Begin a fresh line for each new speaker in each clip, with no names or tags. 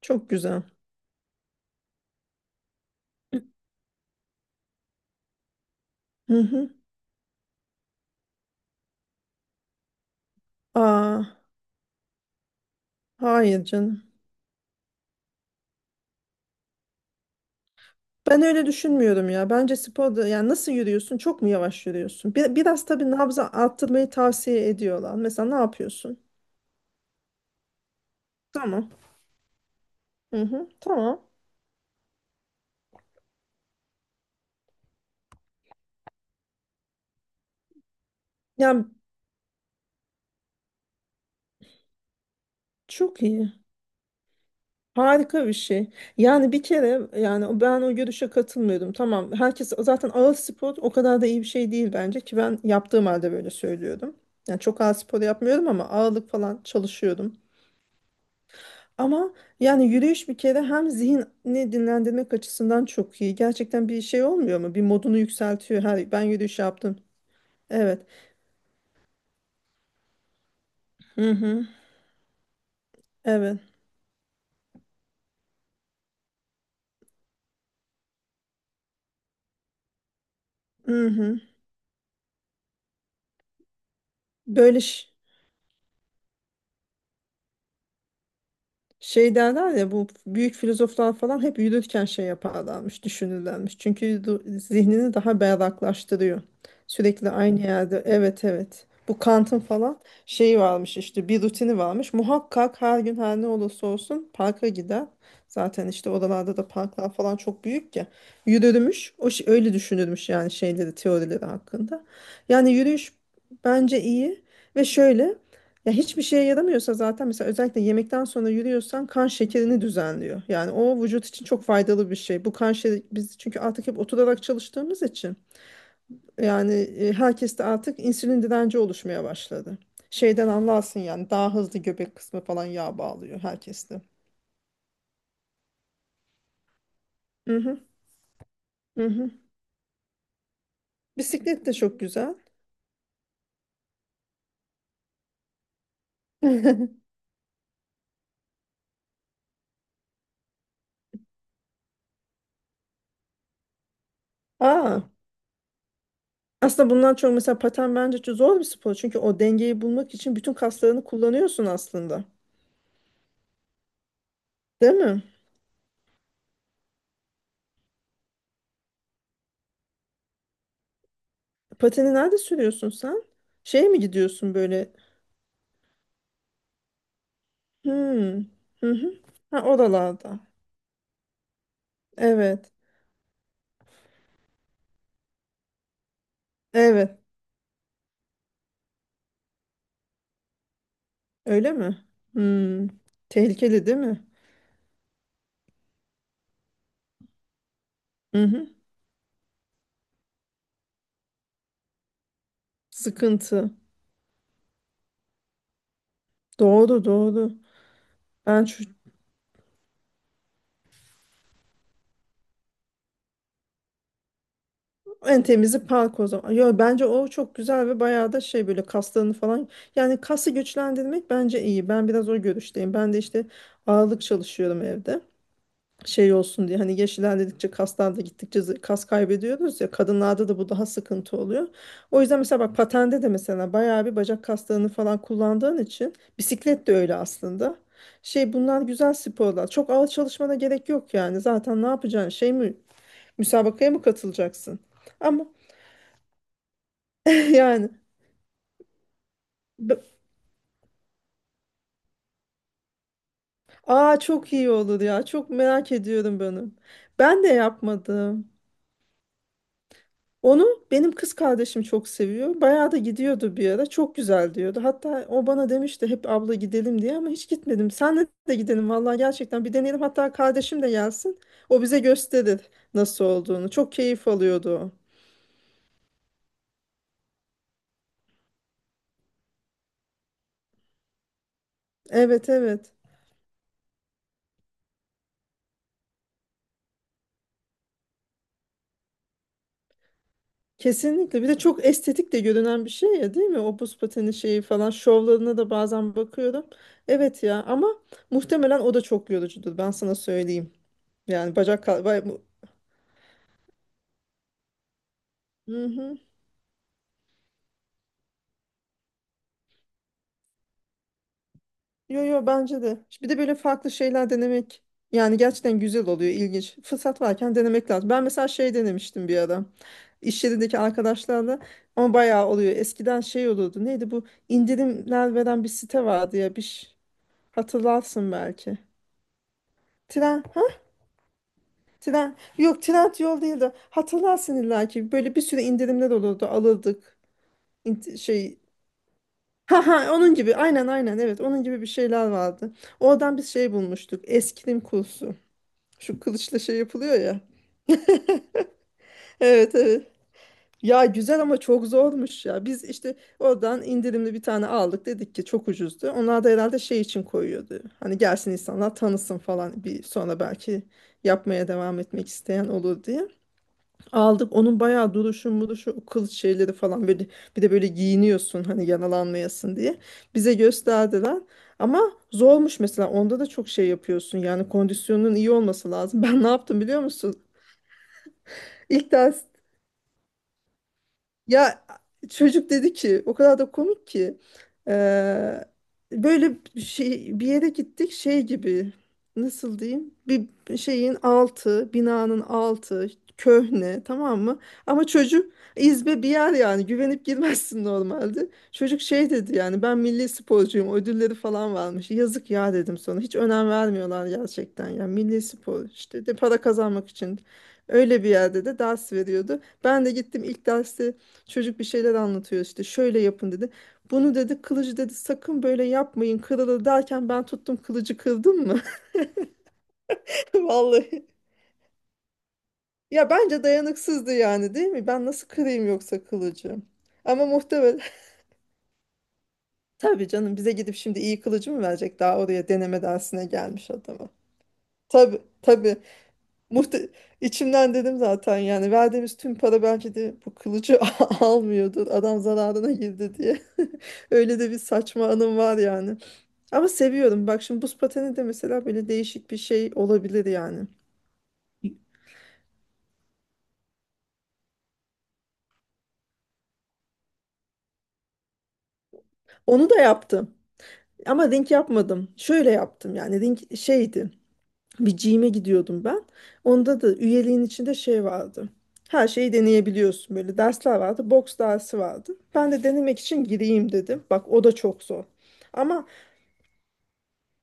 Çok güzel. Hı hı. Aa, hayır canım. Ben öyle düşünmüyorum ya. Bence sporda yani nasıl yürüyorsun? Çok mu yavaş yürüyorsun? Biraz tabii nabza arttırmayı tavsiye ediyorlar. Mesela ne yapıyorsun? Tamam. Hı hı, tamam. Yani çok iyi. Harika bir şey. Yani bir kere yani ben o görüşe katılmıyordum. Tamam. Herkes zaten ağır spor o kadar da iyi bir şey değil bence ki ben yaptığım halde böyle söylüyordum. Yani çok ağır spor yapmıyorum ama ağırlık falan çalışıyordum. Ama yani yürüyüş bir kere hem zihni dinlendirmek açısından çok iyi. Gerçekten bir şey olmuyor mu? Bir modunu yükseltiyor. Her, ben yürüyüş yaptım. Evet. Hı hı. Evet. Hı hı. Böyle ş- Şey derler ya bu büyük filozoflar falan hep yürürken şey yaparlarmış, düşünürlermiş. Çünkü zihnini daha berraklaştırıyor. Sürekli aynı yerde evet evet. Bu Kant'ın falan şeyi varmış işte bir rutini varmış. Muhakkak her gün her ne olursa olsun parka gider. Zaten işte oralarda da parklar falan çok büyük ya. Yürürmüş. O şey, öyle düşünürmüş yani şeyleri, teorileri hakkında. Yani yürüyüş bence iyi ve şöyle ya hiçbir şeye yaramıyorsa zaten mesela özellikle yemekten sonra yürüyorsan kan şekerini düzenliyor. Yani o vücut için çok faydalı bir şey. Bu kan şekeri biz çünkü artık hep oturarak çalıştığımız için yani herkeste artık insülin direnci oluşmaya başladı. Şeyden anlarsın yani daha hızlı göbek kısmı falan yağ bağlıyor herkeste. Hı hı, hı hı. Bisiklet de çok güzel. Aa, aslında bundan çok mesela paten bence çok zor bir spor. Çünkü o dengeyi bulmak için bütün kaslarını kullanıyorsun aslında. Değil mi? Pateni nerede sürüyorsun sen? Şeye mi gidiyorsun böyle? Hmm. Hı hı. Ha, oralarda. Evet. Evet. Öyle mi? Hmm. Tehlikeli değil mi? Hı hı. Sıkıntı. Doğru doğru. Ben şu en temizi park o zaman. Yo, bence o çok güzel ve bayağı da şey böyle kaslarını falan. Yani kası güçlendirmek bence iyi. Ben biraz o görüşteyim. Ben de işte ağırlık çalışıyorum evde. Şey olsun diye hani yaş ilerledikçe kaslar da gittikçe kas kaybediyoruz ya kadınlarda da bu daha sıkıntı oluyor. O yüzden mesela bak patende de mesela bayağı bir bacak kaslarını falan kullandığın için bisiklet de öyle aslında. Şey bunlar güzel sporlar. Çok ağır çalışmana gerek yok yani. Zaten ne yapacaksın? Şey mi müsabakaya mı katılacaksın? Ama yani b- aa çok iyi olur ya. Çok merak ediyorum bunu. Ben de yapmadım. Onu benim kız kardeşim çok seviyor. Bayağı da gidiyordu bir ara. Çok güzel diyordu. Hatta o bana demişti hep abla gidelim diye ama hiç gitmedim. Senle de gidelim vallahi gerçekten bir deneyelim. Hatta kardeşim de gelsin. O bize gösterir nasıl olduğunu. Çok keyif alıyordu o. Evet evet. Kesinlikle. Bir de çok estetik de görünen bir şey ya değil mi? O buz pateni şeyi falan şovlarına da bazen bakıyorum. Evet ya ama muhtemelen o da çok yorucudur. Ben sana söyleyeyim. Yani bacak... Hı-hı. Yo yo bence de. Bir de böyle farklı şeyler denemek yani gerçekten güzel oluyor, ilginç. Fırsat varken denemek lazım. Ben mesela şey denemiştim bir ara. İş yerindeki arkadaşlarla ama bayağı oluyor. Eskiden şey olurdu. Neydi bu? İndirimler veren bir site vardı ya. Hatırlarsın belki. Tren, ha? Tren. Yok, Trend yol değil de hatırlarsın illa ki. Böyle bir sürü indirimler olurdu. Alırdık. İnt- şey Ha ha onun gibi aynen aynen evet onun gibi bir şeyler vardı. Oradan bir şey bulmuştuk. Eskrim kursu. Şu kılıçla şey yapılıyor ya. Evet evet. Ya güzel ama çok zormuş ya. Biz işte oradan indirimli bir tane aldık dedik ki çok ucuzdu. Onlar da herhalde şey için koyuyordu. Hani gelsin insanlar tanısın falan bir sonra belki yapmaya devam etmek isteyen olur diye. Aldık onun bayağı duruşu muruşu o kılıç şeyleri falan böyle bir de böyle giyiniyorsun hani yaralanmayasın diye. Bize gösterdiler. Ama zormuş mesela onda da çok şey yapıyorsun yani kondisyonun iyi olması lazım. Ben ne yaptım biliyor musun? İlk ders. Ya çocuk dedi ki o kadar da komik ki eee, böyle bir şey bir yere gittik şey gibi nasıl diyeyim bir şeyin altı binanın altı köhne tamam mı? Ama çocuk izbe bir yer yani güvenip girmezsin normalde. Çocuk şey dedi yani ben milli sporcuyum ödülleri falan varmış. Yazık ya dedim sonra hiç önem vermiyorlar gerçekten ya milli spor işte de para kazanmak için öyle bir yerde de ders veriyordu. Ben de gittim ilk dersi. Çocuk bir şeyler anlatıyor işte şöyle yapın dedi. Bunu dedi kılıcı dedi sakın böyle yapmayın kırılır derken ben tuttum kılıcı kırdım mı? Vallahi. Ya bence dayanıksızdı yani değil mi? Ben nasıl kırayım yoksa kılıcı? Ama muhtemelen tabii canım bize gidip şimdi iyi kılıcı mı verecek? Daha oraya deneme dersine gelmiş adama. Tabii tabii. Muhte içimden dedim zaten yani verdiğimiz tüm para belki de bu kılıcı almıyordur. Adam zararına girdi diye. Öyle de bir saçma anım var yani. Ama seviyorum. Bak şimdi buz pateni de mesela böyle değişik bir şey olabilir yani. Onu da yaptım. Ama ring yapmadım. Şöyle yaptım yani ring şeydi. Bir gym'e gidiyordum ben. Onda da üyeliğin içinde şey vardı. Her şeyi deneyebiliyorsun böyle. Dersler vardı. Boks dersi vardı. Ben de denemek için gireyim dedim. Bak o da çok zor. Ama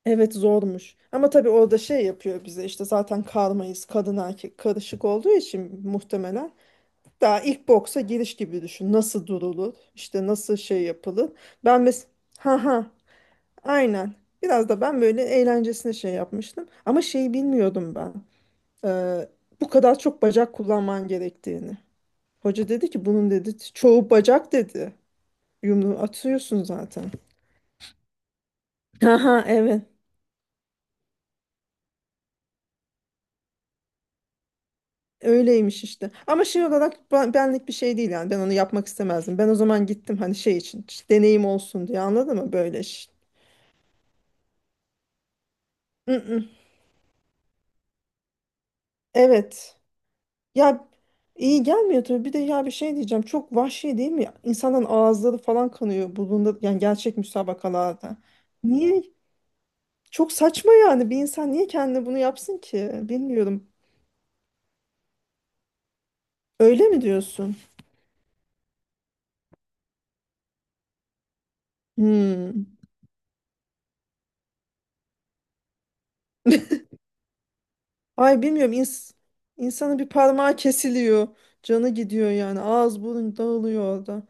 evet zormuş. Ama tabii orada şey yapıyor bize işte zaten karmayız. Kadın erkek karışık olduğu için muhtemelen daha ilk boksa giriş gibi düşün. Nasıl durulur? İşte nasıl şey yapılır? Ben mes ha ha aynen. Biraz da ben böyle eğlencesine şey yapmıştım. Ama şeyi bilmiyordum ben. Ee, bu kadar çok bacak kullanman gerektiğini. Hoca dedi ki bunun dedi çoğu bacak dedi. Yumruğu atıyorsun zaten. Ha ha evet. Öyleymiş işte. Ama şey olarak benlik bir şey değil yani. Ben onu yapmak istemezdim. Ben o zaman gittim hani şey için. İşte deneyim olsun diye anladın mı? Böyle. Ş- Mm, mm. Evet. Ya iyi gelmiyor tabii. Bir de ya bir şey diyeceğim. Çok vahşi değil mi? İnsanın ağızları falan kanıyor bulunda yani gerçek müsabakalarda. Niye? Çok saçma yani. Bir insan niye kendine bunu yapsın ki? Bilmiyorum. Öyle mi diyorsun? Hmm. Ay bilmiyorum. İnsanın bir parmağı kesiliyor. Canı gidiyor yani. Ağız burun dağılıyor orada.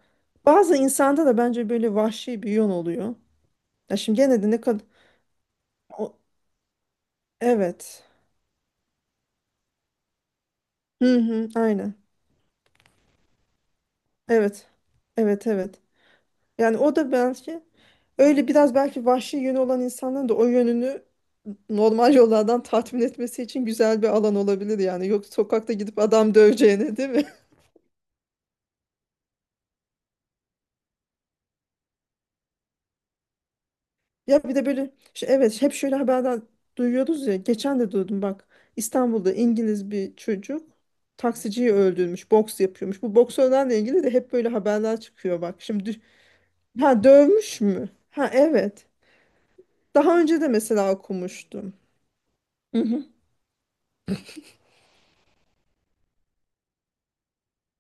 Bazı insanda da bence böyle vahşi bir yön oluyor. Ya şimdi gene de ne kadar... O- Evet. Hı hı, aynen. Evet. Evet evet. Yani o da belki öyle biraz belki vahşi yönü olan insanların da o yönünü normal yollardan tatmin etmesi için güzel bir alan olabilir yani. Yok sokakta gidip adam döveceğine değil mi? Ya bir de böyle şey, evet hep şöyle haberden duyuyoruz ya. Geçen de duydum bak. İstanbul'da İngiliz bir çocuk taksiciyi öldürmüş. Boks yapıyormuş. Bu boksörlerle ilgili de hep böyle haberler çıkıyor bak. Ha dövmüş mü? Ha evet. Daha önce de mesela okumuştum. Hı hı.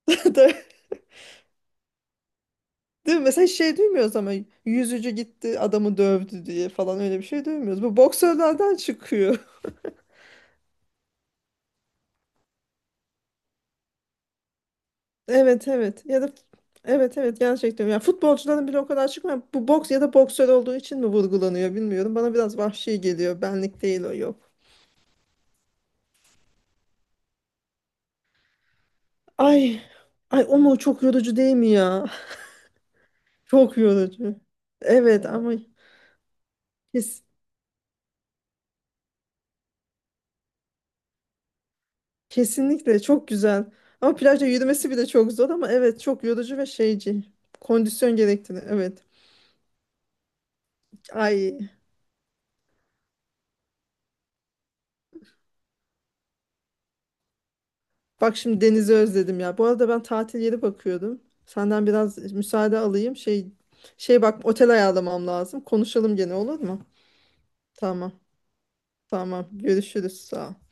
Değil mi? Mesela hiç şey duymuyoruz ama yüzücü gitti adamı dövdü diye falan öyle bir şey duymuyoruz. Bu boksörlerden çıkıyor. Evet evet ya da evet evet gerçekten. Yani futbolcuların bile o kadar çıkmıyor. Bu boks ya da boksör olduğu için mi vurgulanıyor bilmiyorum. Bana biraz vahşi geliyor. Benlik değil o yok. Ay ay o mu çok yorucu değil mi ya? Çok yorucu. Evet ama kes, kesinlikle çok güzel. Ama plajda yürümesi bile çok zor ama evet çok yorucu ve şeyci. Kondisyon gerektirir. Evet. Ay. Bak şimdi denizi özledim ya. Bu arada ben tatil yeri bakıyordum. Senden biraz müsaade alayım. Şey bak otel ayarlamam lazım. Konuşalım gene olur mu? Tamam. Tamam. Görüşürüz. Sağ ol.